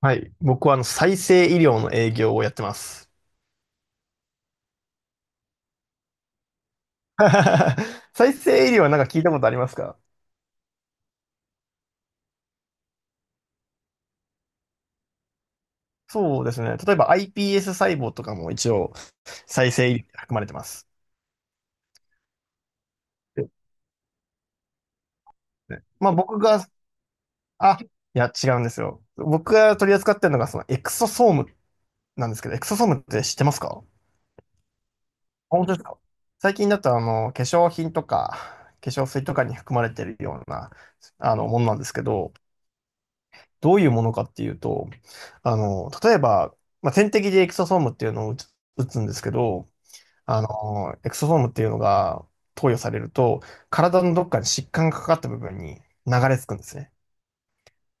はい。僕は再生医療の営業をやってます。再生医療はなんか聞いたことありますか？そうですね。例えば iPS 細胞とかも一応再生医療に含まれてます。で、まあ僕が、あ、いや違うんですよ。僕が取り扱ってるのがそのエクソソームなんですけど、エクソソームって知ってますか？本当ですか？最近だと化粧品とか化粧水とかに含まれてるようなものなんですけど、どういうものかっていうと、例えば、まあ、点滴でエクソソームっていうのを打つんですけど、エクソソームっていうのが投与されると、体のどっかに疾患がかかった部分に流れ着くんですね。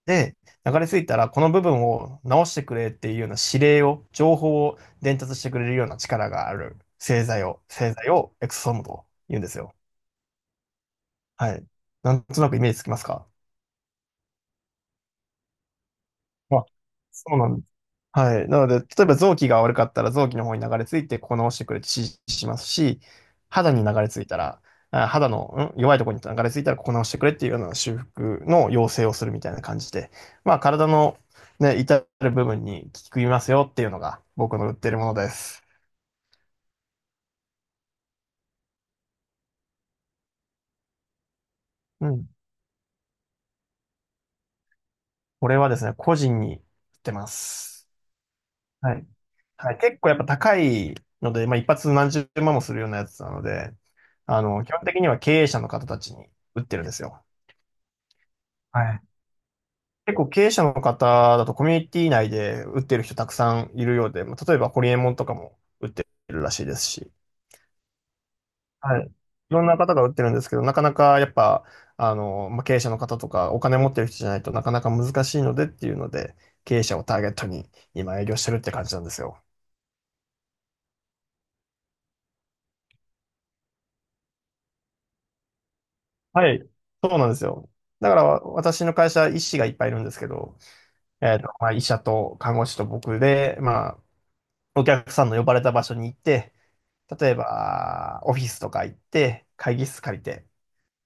で、流れ着いたら、この部分を直してくれっていうような指令を、情報を伝達してくれるような力がある製剤を、エクソソームと言うんですよ。はい。なんとなくイメージつきますか？あ、そうなんです。はい。なので、例えば臓器が悪かったら臓器の方に流れ着いて、ここ直してくれって指示しますし、肌に流れ着いたら、あ肌の、ん弱いところに流れ着いたら、ここ直してくれっていうような修復の要請をするみたいな感じで、まあ、体の、ね、至る部分に効きますよっていうのが僕の売ってるものです。うん。これはですね、個人に売ってます。はい。はい。結構やっぱ高いので、まあ一発何十万もするようなやつなので、基本的には経営者の方たちに売ってるんですよ。はい。結構経営者の方だとコミュニティ内で売ってる人たくさんいるようで、まあ例えばホリエモンとかも売ってるらしいですし、はい。いろんな方が売ってるんですけど、なかなかやっぱ、まあ、経営者の方とかお金持ってる人じゃないとなかなか難しいのでっていうので、経営者をターゲットに今営業してるって感じなんですよ。はい。そうなんですよ。だから、私の会社、医師がいっぱいいるんですけど、まあ、医者と看護師と僕で、まあ、お客さんの呼ばれた場所に行って、例えば、オフィスとか行って、会議室借りて、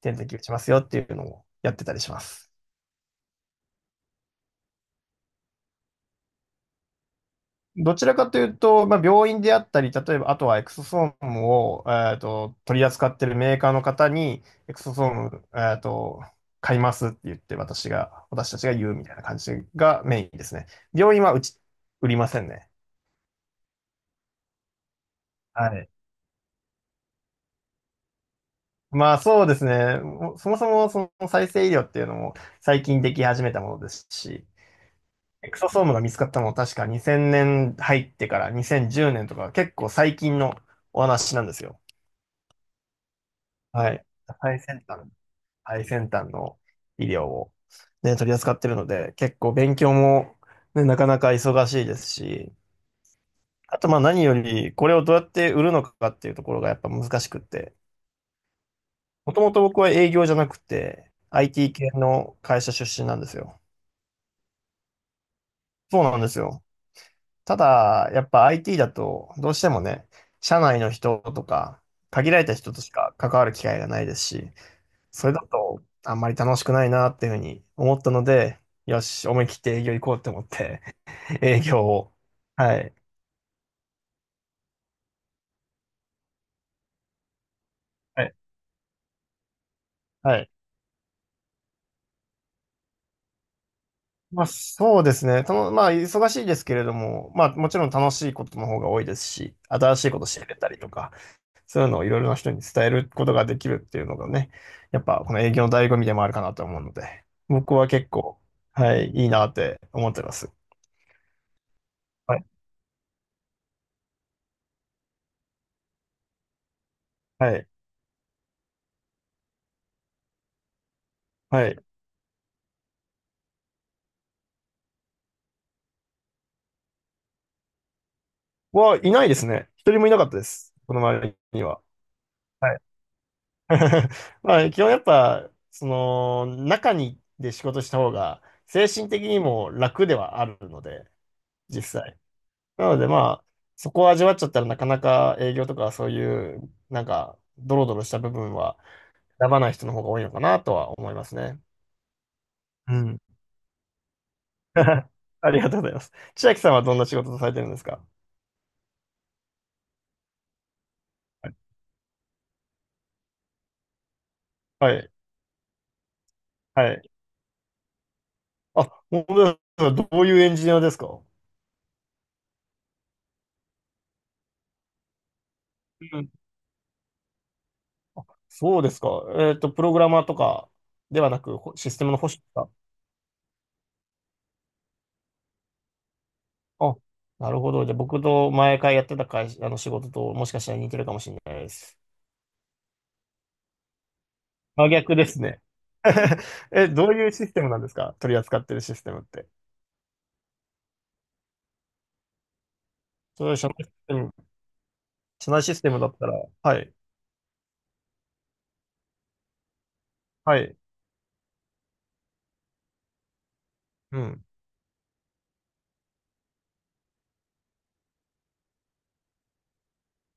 点滴打ちますよっていうのをやってたりします。どちらかというと、まあ、病院であったり、例えば、あとはエクソソームを、取り扱っているメーカーの方に、エクソソーム、買いますって言って、私たちが言うみたいな感じがメインですね。病院はうち、売りませんね。はい。まあそうですね。もうそもそもその再生医療っていうのも最近でき始めたものですし、エクソソームが見つかったのも確か2000年入ってから2010年とか結構最近のお話なんですよ。はい。最先端。最先端の医療を、ね、取り扱ってるので、結構勉強も、ね、なかなか忙しいですし、あとまあ何より、これをどうやって売るのかっていうところがやっぱ難しくって、もともと僕は営業じゃなくて、IT 系の会社出身なんですよ。そうなんですよ。ただ、やっぱ IT だと、どうしてもね、社内の人とか、限られた人としか関わる機会がないですし、それだとあんまり楽しくないなっていうふうに思ったので、よし、思い切って営業行こうって思って、営業を。はい。はい。はい。まあそうですね。まあ忙しいですけれども、まあもちろん楽しいことの方が多いですし、新しいこと知れたりとか、そういうのをいろいろな人に伝えることができるっていうのがね、やっぱこの営業の醍醐味でもあるかなと思うので、僕は結構、はい、いいなって思ってます。はい。はい。はい。はい。いないですね。一人もいなかったです。この周りには。はい。 まあ、基本やっぱ、その、中にで仕事した方が、精神的にも楽ではあるので、実際。なのでまあ、そこを味わっちゃったらなかなか営業とかそういう、なんか、ドロドロした部分は選ばない人の方が多いのかなとは思いますね。うん。ありがとうございます。千秋さんはどんな仕事をされてるんですか？はい。はい。あ、本当ですか。どういうエンジニアですか？うん。あ、そうですか。プログラマーとかではなく、システムの保守ですか？あ、なるほど。じゃあ、僕と前回やってた会社、あの仕事ともしかしたら似てるかもしれないです。真逆ですね。え、どういうシステムなんですか？取り扱ってるシステムって。そういう社内システム、社内システムだったら、はい、はい、うん、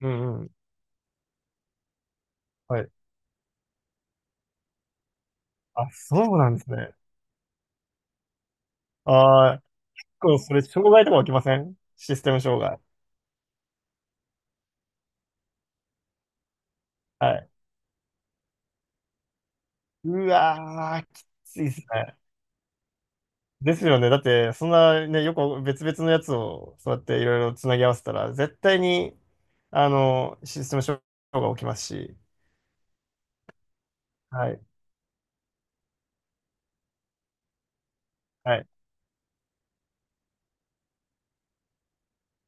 うん、うん、はい。あ、そうなんですね。ああ、それ、障害とか起きません？システム障害？はい。うわー、きついですね。ですよね。だって、そんなね、よく別々のやつを、そうやっていろいろつなぎ合わせたら、絶対に、システム障害が起きますし。はい。はい。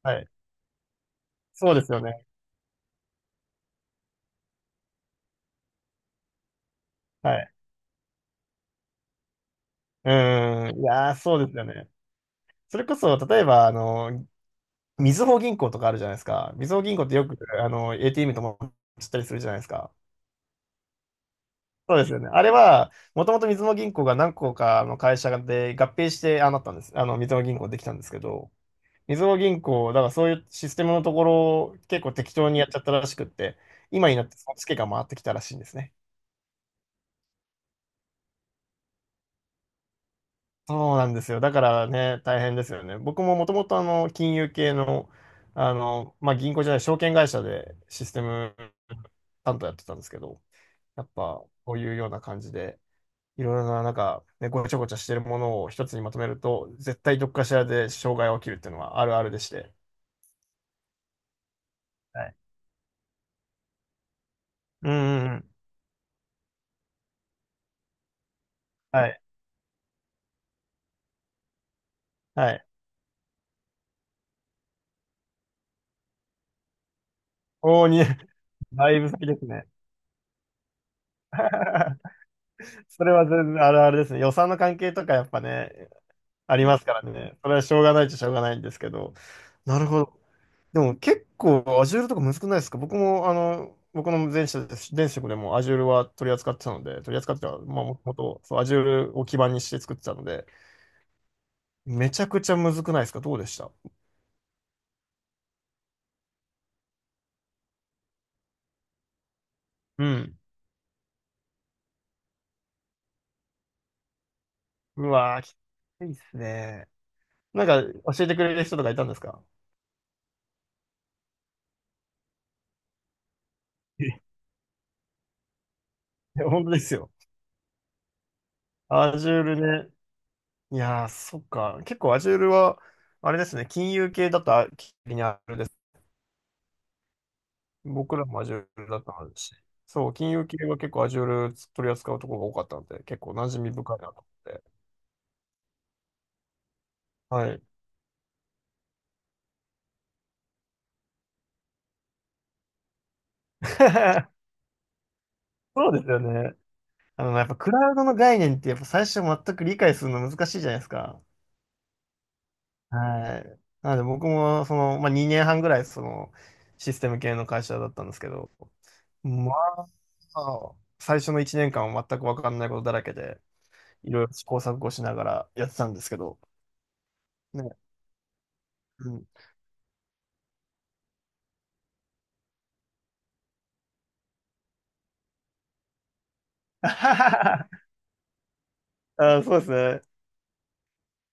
はい。そうですよね。はい。うーん。いやー、そうですよね。それこそ、例えば、みずほ銀行とかあるじゃないですか。みずほ銀行ってよく、ATM とも知ったりするじゃないですか。そうですよね。あれは、もともとみずほ銀行が何個かの会社で合併して、ああなったんです。みずほ銀行できたんですけど、みずほ銀行、だからそういうシステムのところ結構適当にやっちゃったらしくって、今になってそのツケが回ってきたらしいんですね。そうなんですよ。だからね、大変ですよね。僕ももともと金融系の、まあ、銀行じゃない、証券会社でシステム担当やってたんですけど、やっぱこういうような感じで、いろいろな、なんか、ね、ごちゃごちゃしてるものを一つにまとめると、絶対どっかしらで障害が起きるっていうのはあるあるでして。はい。うんうんうん。はい。はい。おーに、だいぶ先ですね。それは全然あるあるですね。予算の関係とかやっぱね、ありますからね。それはしょうがないっちゃしょうがないんですけど。なるほど。でも結構 Azure とか難くないですか？僕も、僕の前職です前職でも Azure は取り扱ってたので、取り扱ってた、まあ、もともとそう Azure を基盤にして作ってたので、めちゃくちゃ難くないですか？どうでした？うん。うわー、きついっすね。なんか教えてくれる人とかいたんですか？え、本当ですよ。Azure ね。いやー、そっか。結構 Azure は、あれですね、金融系だと、あれです。僕らも Azure だったし、そう、金融系は結構 Azure 取り扱うところが多かったので、結構馴染み深いなと思って。はい。そうですよね。やっぱクラウドの概念って、やっぱ最初全く理解するの難しいじゃないですか。はい。なので僕も、その、まあ、2年半ぐらい、その、システム系の会社だったんですけど、まあ、最初の1年間は全く分かんないことだらけで、いろいろ試行錯誤しながらやってたんですけど。ね。うん。あ、そうですね。